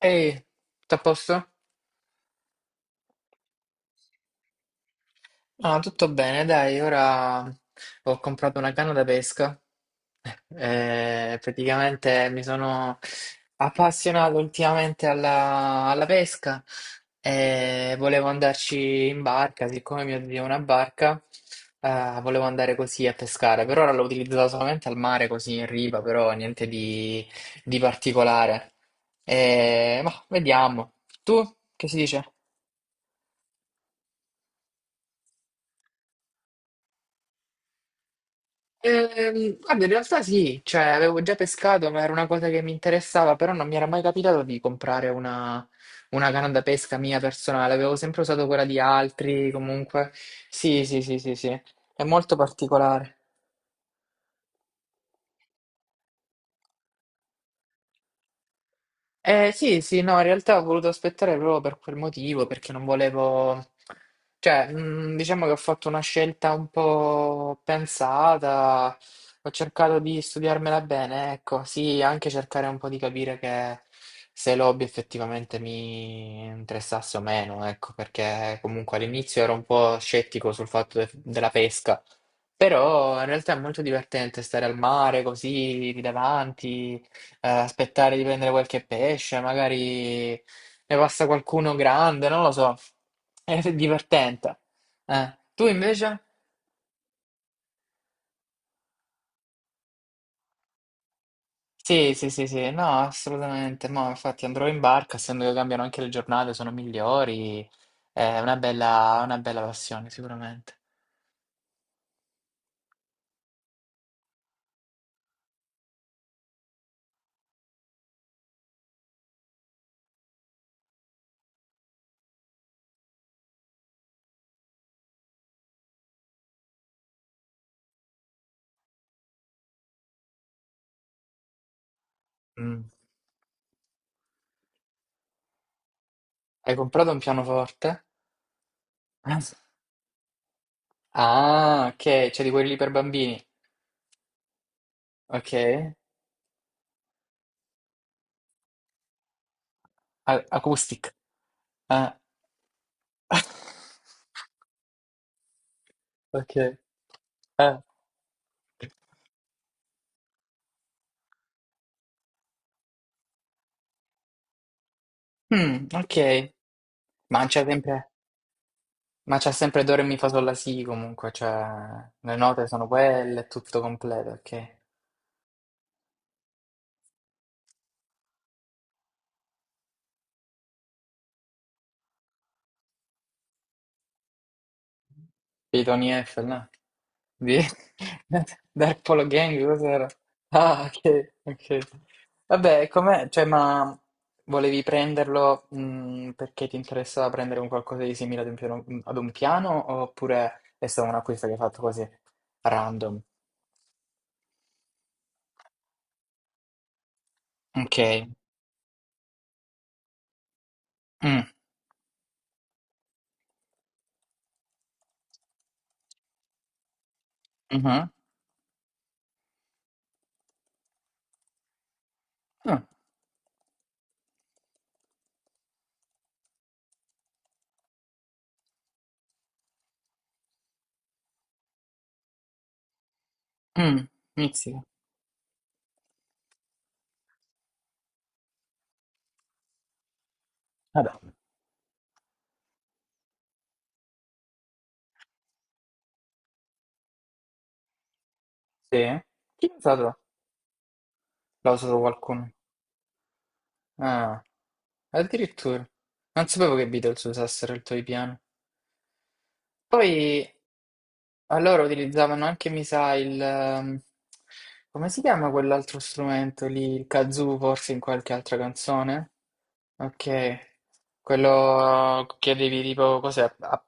Ehi, tutto a posto? Ah, tutto bene, dai, ora ho comprato una canna da pesca. Praticamente mi sono appassionato ultimamente alla pesca e volevo andarci in barca, siccome mio zio ha una barca, volevo andare così a pescare. Per ora l'ho utilizzata solamente al mare, così in riva, però niente di particolare. Ma vediamo. Tu, che si dice? Guarda, in realtà sì, cioè avevo già pescato, ma era una cosa che mi interessava, però non mi era mai capitato di comprare una canna da pesca mia personale, avevo sempre usato quella di altri, comunque. Sì, sì, sì, sì, sì, è molto particolare. Sì, sì, no, in realtà ho voluto aspettare proprio per quel motivo, perché non volevo, cioè, diciamo che ho fatto una scelta un po' pensata, ho cercato di studiarmela bene, ecco, sì, anche cercare un po' di capire che se l'hobby effettivamente mi interessasse o meno, ecco, perché comunque all'inizio ero un po' scettico sul fatto della pesca, però in realtà è molto divertente stare al mare così, lì davanti, aspettare di prendere qualche pesce, magari ne passa qualcuno grande, non lo so. È divertente. Tu invece? Sì, sì, sì, sì, no, assolutamente. Mo, infatti andrò in barca, essendo che cambiano anche le giornate, sono migliori. È una bella passione, sicuramente. Mm. Hai comprato un pianoforte? Ah, ok, c'è di quelli lì per bambini. Ok. A- acoustic. Ah. Ok. Ah. Mm, ok, ma c'è sempre, ma c'è sempre Do, Re, Mi, Fa, Sol, La, Si comunque, cioè le note sono quelle, è tutto completo, ok. Di Tony Eiffel, no? Di Dark Polo Gang, cos'era? Ah, ok, ok. Vabbè, com'è? Cioè, ma volevi prenderlo perché ti interessava prendere un qualcosa di simile ad un piano oppure è stato un acquisto che hai fatto così, random? Ok. Mm, mhm. Ah, mm, mizzica. Vabbè. Sì? Chi l'ha usato? L'ha usato qualcuno? Ah, addirittura. Non sapevo che Beatles usassero il tuo piano. Poi allora utilizzavano anche, mi sa, il... come si chiama quell'altro strumento lì? Il kazoo, forse in qualche altra canzone? Ok. Quello che avevi tipo, cos'è? A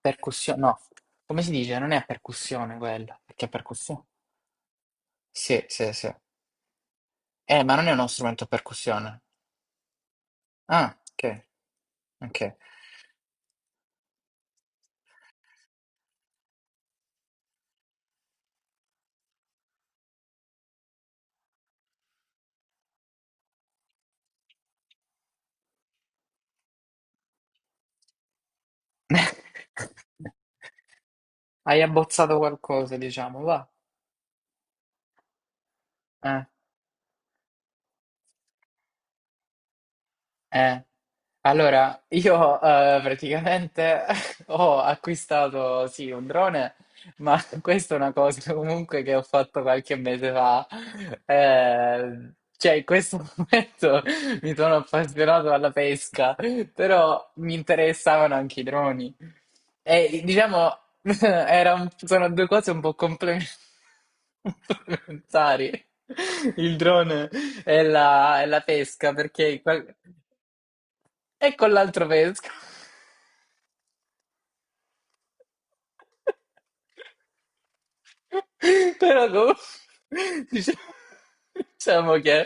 percussione? No. Come si dice? Non è a percussione quella. Perché è percussione? Sì, sì, sì. Ma non è uno strumento a percussione. Ah, ok, ok. Hai abbozzato qualcosa, diciamo, va. Eh. Eh, allora, io praticamente ho acquistato sì un drone, ma questa è una cosa comunque che ho fatto qualche mese fa. Cioè, in questo momento mi sono appassionato alla pesca, però mi interessavano anche i droni. E diciamo, sono due cose un po' complementari. Complementari. Il drone e la pesca, perché in e con l'altro vescovo. Però comunque, dice- diciamo che...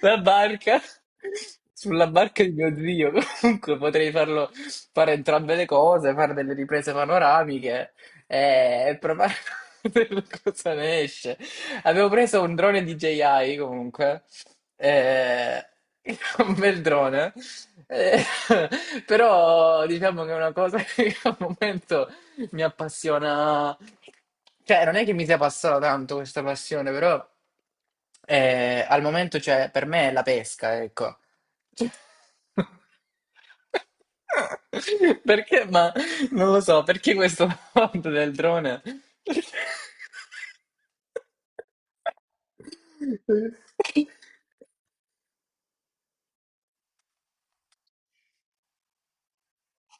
La barca, sulla barca di mio zio, comunque potrei farlo fare entrambe le cose, fare delle riprese panoramiche e provare a vedere cosa ne esce. Avevo preso un drone DJI comunque, eh, un bel drone, eh, però diciamo che è una cosa che al momento mi appassiona. Cioè, non è che mi sia passata tanto questa passione, però al momento, cioè, per me è la pesca, ecco. Cioè- Perché? Ma non lo so, perché questo fatto del drone? Perché-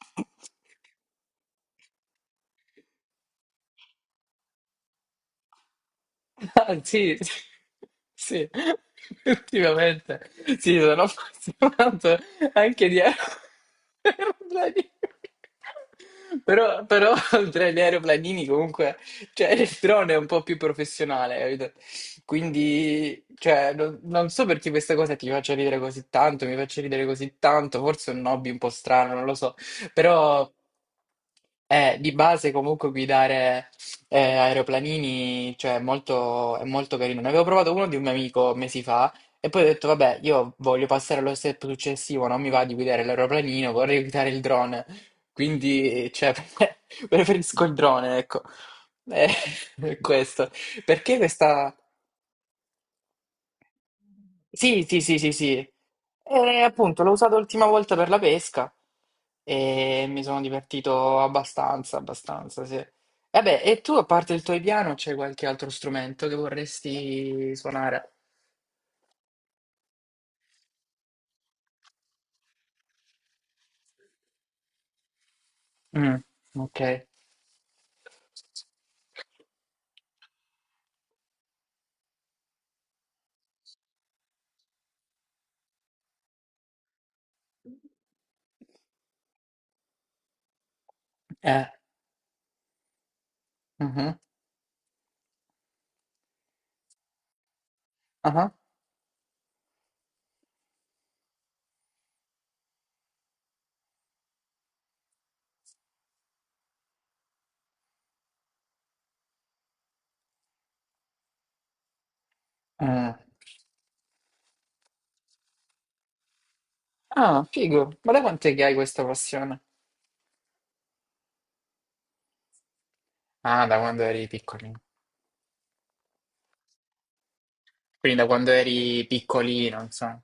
Ah, sì, sì, effettivamente. Sì, sono appassionato anche di aeroplani. Però tra gli aeroplanini comunque, cioè il drone è un po' più professionale, capito? Quindi, cioè, non so perché questa cosa ti faccia ridere così tanto, mi faccia ridere così tanto, forse è un hobby un po' strano, non lo so, però... di base comunque guidare. Aeroplanini, cioè, è molto carino. Ne avevo provato uno di un mio amico mesi fa e poi ho detto, vabbè, io voglio passare allo step successivo, non mi va di guidare l'aeroplanino, vorrei guidare il drone. Quindi, cioè, preferisco il drone, ecco. Questo. Perché questa... Sì, sì, sì, sì, sì. E appunto l'ho usato l'ultima volta per la pesca e mi sono divertito abbastanza, abbastanza, sì. Vabbè, e tu, a parte il tuo piano, c'è qualche altro strumento che vorresti suonare? Mm, ok. Eh, mhm, aha, mm. Ah, figo. Ma da quant'è che hai questa passione? Ah, da quando eri piccolino. Quindi da quando eri piccolino, insomma.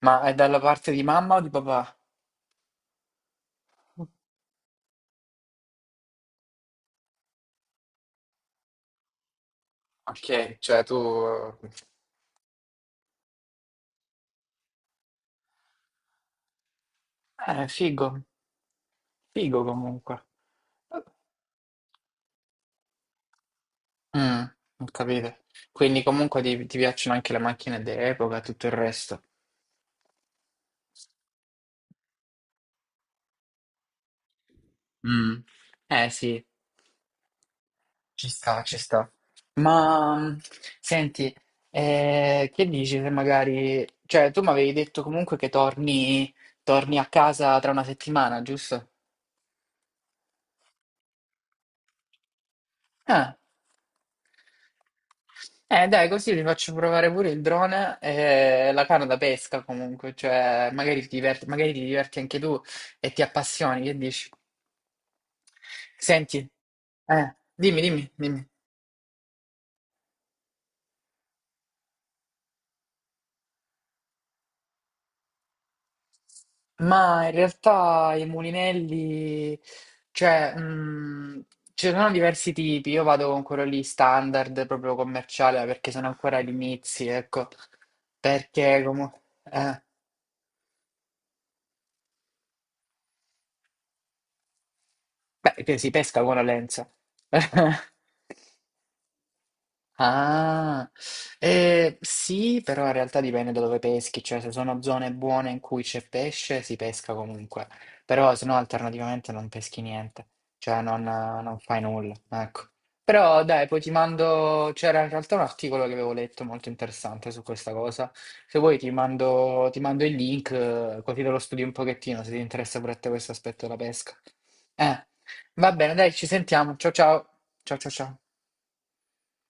Ma è dalla parte di mamma o di papà? Ok, cioè tu... Eh, figo, figo comunque. Mm, ho capito. Quindi comunque ti piacciono anche le macchine d'epoca e tutto il resto. Mm. Eh sì, ci sta, ci sta. Ma mm, senti, che dici se magari... Cioè, tu mi avevi detto comunque che torni a casa tra una settimana, giusto? Ah, dai, così vi faccio provare pure il drone e la canna da pesca comunque, cioè magari ti diverti anche tu e ti appassioni, che dici? Senti, dimmi, dimmi, dimmi. Ma in realtà i mulinelli, cioè, ce ne sono diversi tipi, io vado con quello lì standard, proprio commerciale, perché sono ancora agli inizi, ecco, perché comunque... Beh, che si pesca con la lenza. Ah, sì, però in realtà dipende da dove peschi, cioè se sono zone buone in cui c'è pesce si pesca comunque, però se no alternativamente non peschi niente, cioè non fai nulla, ecco. Però dai, poi ti mando, c'era in realtà un articolo che avevo letto molto interessante su questa cosa, se vuoi ti mando il link così te lo studi un pochettino se ti interessa pure a te questo aspetto della pesca. Eh, va bene, dai, ci sentiamo, ciao ciao, ciao ciao ciao.